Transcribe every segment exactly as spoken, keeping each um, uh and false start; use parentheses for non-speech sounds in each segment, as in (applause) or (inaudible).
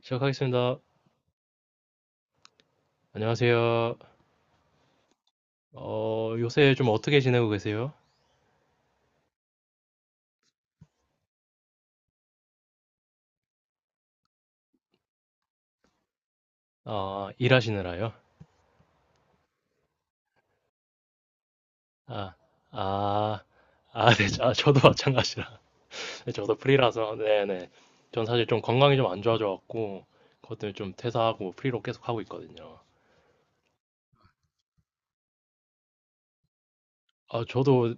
시작하겠습니다. 안녕하세요. 어, 요새 좀 어떻게 지내고 계세요? 아, 일하시느라요? 아, 아, 아, 네, 아, 저도 마찬가지라. (laughs) 네, 저도 프리라서, 네네. 전 사실 좀 건강이 좀 안 좋아져갖고, 그것 때문에 좀 퇴사하고 뭐 프리로 계속 하고 있거든요. 아, 저도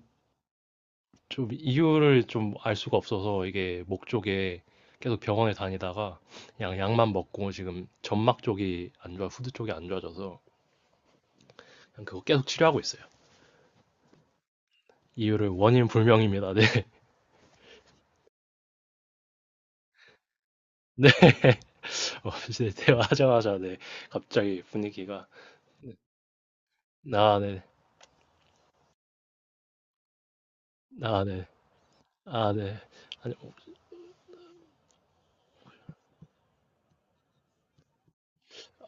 좀 이유를 좀 알 수가 없어서 이게 목 쪽에 계속 병원에 다니다가 그냥 약만 먹고 지금 점막 쪽이 안 좋아, 후두 쪽이 안 좋아져서 그냥 그거 계속 치료하고 있어요. 이유를 원인 불명입니다. 네. (laughs) 어 이제 대화하자마자 네 갑자기 분위기가. 아 네. 아 네. 아 네. 한,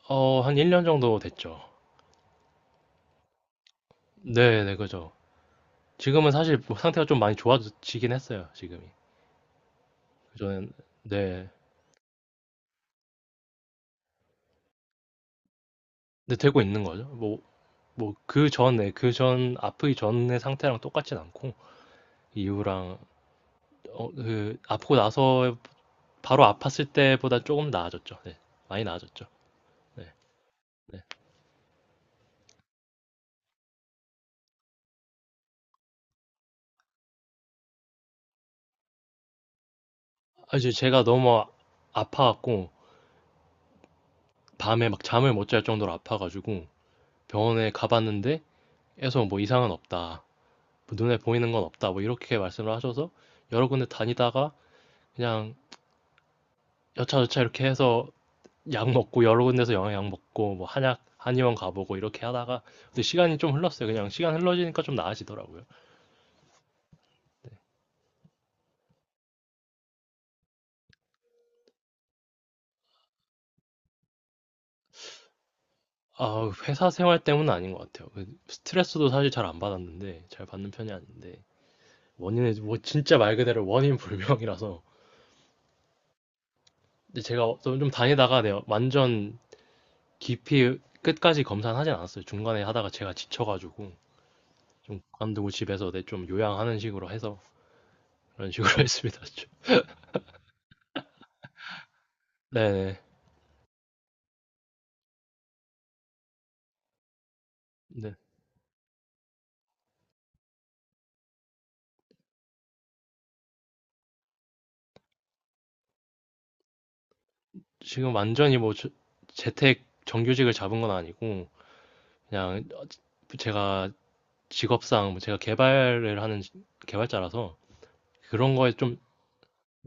어한 일 년 정도 됐죠. 네네 그죠. 지금은 사실 뭐 상태가 좀 많이 좋아지긴 했어요 지금이. 그전. 네. 네 되고 있는 거죠. 뭐 뭐 그전에 그전 아프기 전의 상태랑 똑같진 않고 이후랑 어 그 아프고 나서 바로 아팠을 때보다 조금 나아졌죠. 네. 많이 나아졌죠. 네. 네. 아 이제 제가 너무 아파 갖고 밤에 막 잠을 못 잘 정도로 아파가지고 병원에 가봤는데 에서 뭐 이상은 없다. 뭐 눈에 보이는 건 없다. 뭐 이렇게 말씀을 하셔서 여러 군데 다니다가 그냥 여차저차 이렇게 해서 약 먹고 여러 군데서 영양 먹고 뭐 한약 한의원 가보고 이렇게 하다가 근데 시간이 좀 흘렀어요. 그냥 시간 흘러지니까 좀 나아지더라고요. 아, 회사 생활 때문은 아닌 것 같아요. 그 스트레스도 사실 잘 안 받았는데 잘 받는 편이 아닌데 원인은 뭐 진짜 말 그대로 원인 불명이라서 근데 제가 좀, 좀 다니다가 내가 완전 깊이 끝까지 검사는 하진 않았어요. 중간에 하다가 제가 지쳐가지고 좀 관두고 집에서 내 좀 요양하는 식으로 해서 그런 식으로 (laughs) 했습니다. 네네. 네. 지금 완전히 뭐 저- 재택 정규직을 잡은 건 아니고 그냥 제가 직업상 뭐 제가 개발을 하는 지- 개발자라서 그런 거에 좀.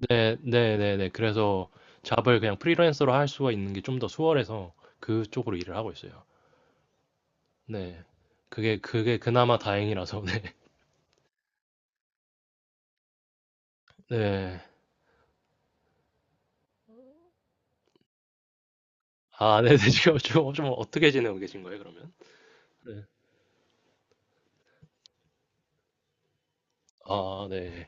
네, 네, 네, 네. 그래서 잡을 그냥 프리랜서로 할 수가 있는 게 좀 더 수월해서 그쪽으로 일을 하고 있어요. 네. 그게 그게 그나마 다행이라서 (laughs) 네. 네. 아 네네. (laughs) 지금 좀 좀 어떻게 지내고 계신 거예요 그러면? 네. 아 네.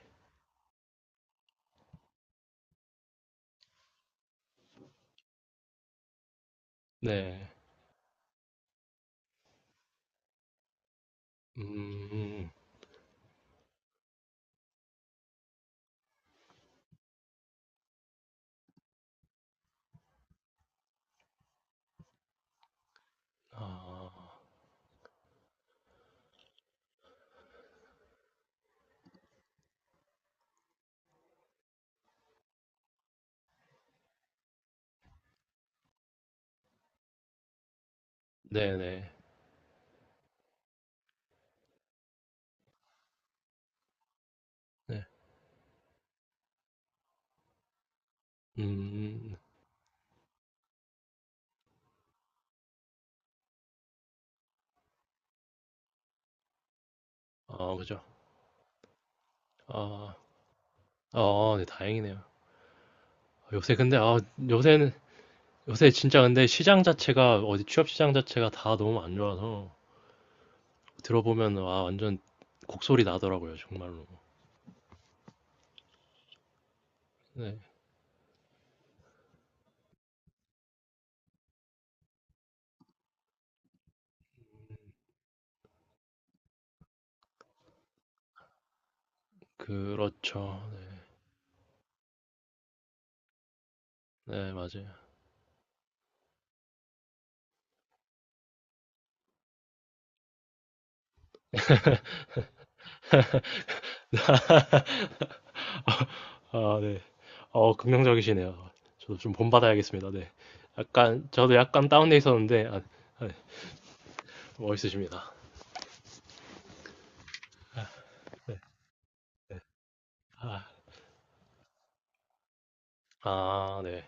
네. 음. 아. 네네. 네. 네. 음. 아 그죠. 아. 아 네 다행이네요. 아, 요새 근데, 아 요새는 요새 진짜 근데 시장 자체가 어디 취업 시장 자체가 다 너무 안 좋아서 들어보면 와 완전 곡소리 나더라고요 정말로. 네. 그렇죠. 네. 네 맞아요. (laughs) 아, 네. 어, 긍정적이시네요. 저도 좀 본받아야겠습니다. 네. 약간, 저도 약간 다운돼 있었는데, 아, 아, 네. 멋있으십니다. 네. 아, 아, 네.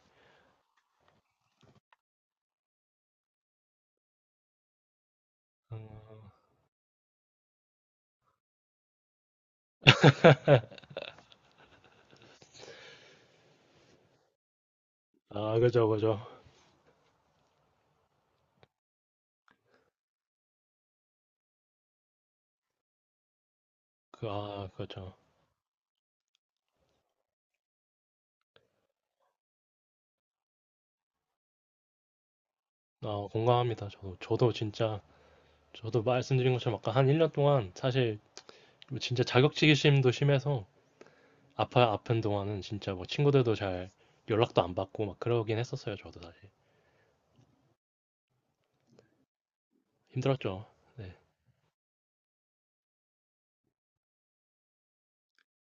음, 아, 그죠, 그죠. 그, 아, 그죠. 아, 공감합니다. 저도, 저도 진짜, 저도 말씀드린 것처럼 아까 한 일 년 동안 사실 뭐 진짜 자격지심도 심해서 아파, 아픈 동안은 진짜 뭐 친구들도 잘 연락도 안 받고 막 그러긴 했었어요. 저도 사실. 힘들었죠. 네.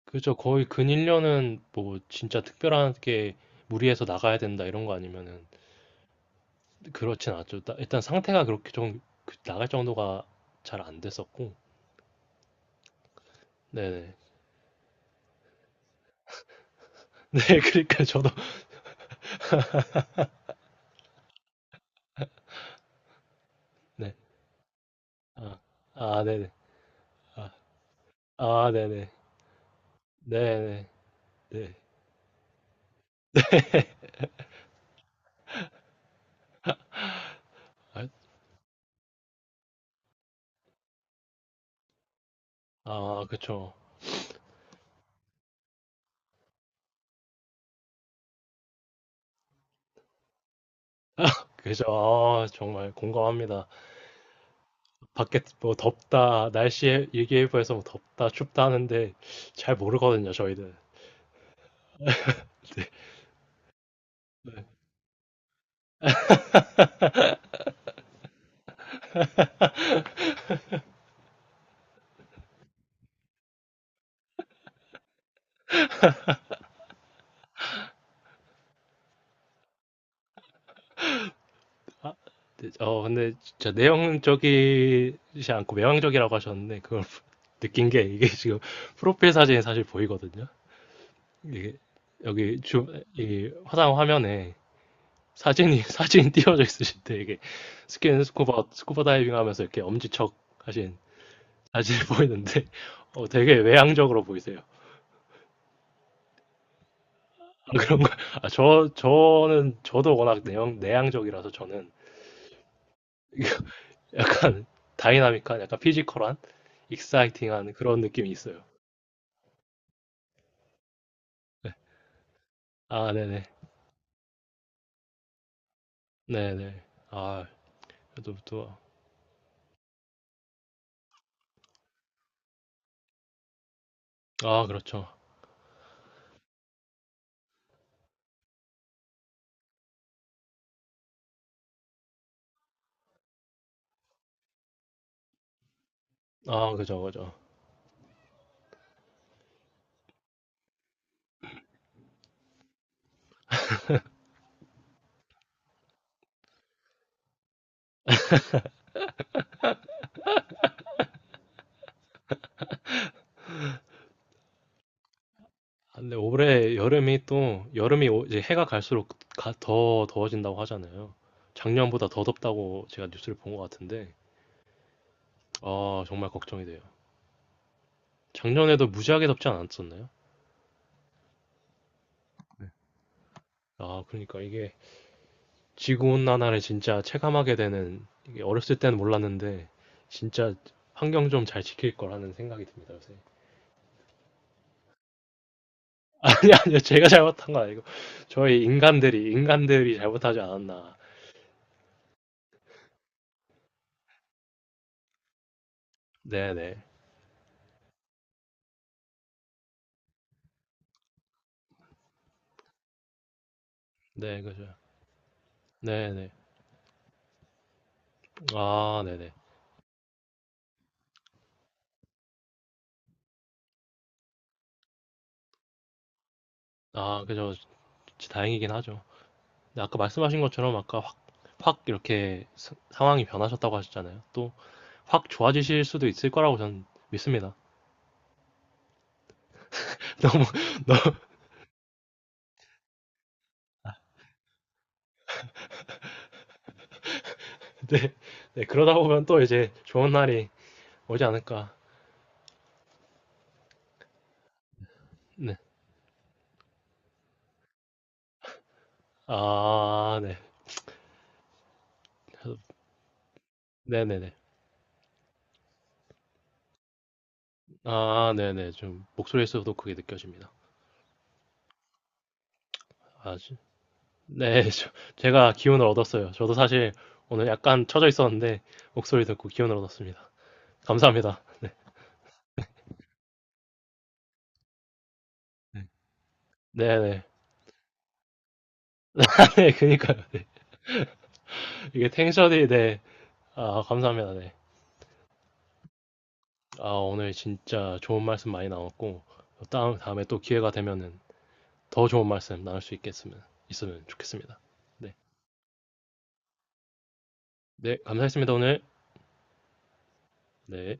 그죠. 거의 근일년은 뭐 진짜 특별하게 무리해서 나가야 된다 이런 거 아니면은 그렇진 않죠. 따- 일단 상태가 그렇게 좀그 나갈 정도가 잘 안 됐었고. 네네. (laughs) 네, 그러니까 저도. 네. 아, 아, 네네. 아, 아, 네네. 네네. 네. 아, 아, 그쵸. 아, 그죠. 아, 정말 공감합니다. 밖에 뭐 덥다, 날씨 얘기해보에서 뭐 덥다, 춥다 하는데 잘 모르거든요, 저희들. 네. 아, 네, 어, 근데 진짜 내용적이지 않고 외향적이라고 하셨는데 그걸 (laughs) 느낀 게 이게 지금 (laughs) 프로필 사진이 사실 보이거든요. 이게 여기 주, 이 화상 화면에 사진이 (laughs) 사진이 띄워져 있으신데 이게 스킨 스쿠버 스쿠버 다이빙 하면서 이렇게 엄지척 하신 사진이 (laughs) 보이는데 어, 되게 외향적으로 보이세요. 아, 그런 거, 아, 저, 저는, 저도 워낙 내향, 내향적이라서 저는 약간 (laughs) 다이나믹한, 약간 피지컬한, 익사이팅한 그런 느낌이 있어요. 아, 네네. 네네. 아, 그래도 또, 아, 그렇죠. 아, 그죠, 그죠. 아, 근데 올해 여름이 또, 여름이 오- 이제 해가 갈수록 가- 더 더워진다고 하잖아요. 작년보다 더 덥다고 제가 뉴스를 본 것 같은데, 아, 정말 걱정이 돼요. 작년에도 무지하게 덥지 않았었나요? 아, 그러니까 이게 지구온난화를 진짜 체감하게 되는, 이게 어렸을 때는 몰랐는데, 진짜 환경 좀 잘 지킬 거라는 생각이 듭니다, 요새. (laughs) 아니, 아니요. 제가 잘못한 거 아니고, 저희 인간들이, 인간들이 잘못하지 않았나. 네네. 네, 그죠. 네네. 아, 네네. 아, 그죠. 진짜 다행이긴 하죠. 근데 아까 말씀하신 것처럼 아까 확, 확 이렇게 사- 상황이 변하셨다고 하셨잖아요. 또 확 좋아지실 수도 있을 거라고 저는 믿습니다. (laughs) 너무, 너무, 네. 네, 그러다 보면 또 이제 좋은 날이 오지 않을까. 네. 아, 네. 네네네. 아, 네네. 좀 목소리에서도 그게 느껴집니다. 아, 지- 네. (laughs) 저- 제가 기운을 얻었어요. 저도 사실 오늘 약간 처져 있었는데 목소리 듣고 기운을 얻었습니다. 감사합니다. 네네. (laughs) 네, 그니까요. 이게 텐션이, 네. 아, 감사합니다. 네. 아, 오늘 진짜 좋은 말씀 많이 나왔고, 다음, 다음에 또 기회가 되면은 더 좋은 말씀 나눌 수 있겠으면, 있으면 좋겠습니다. 네. 네, 감사했습니다, 오늘. 네.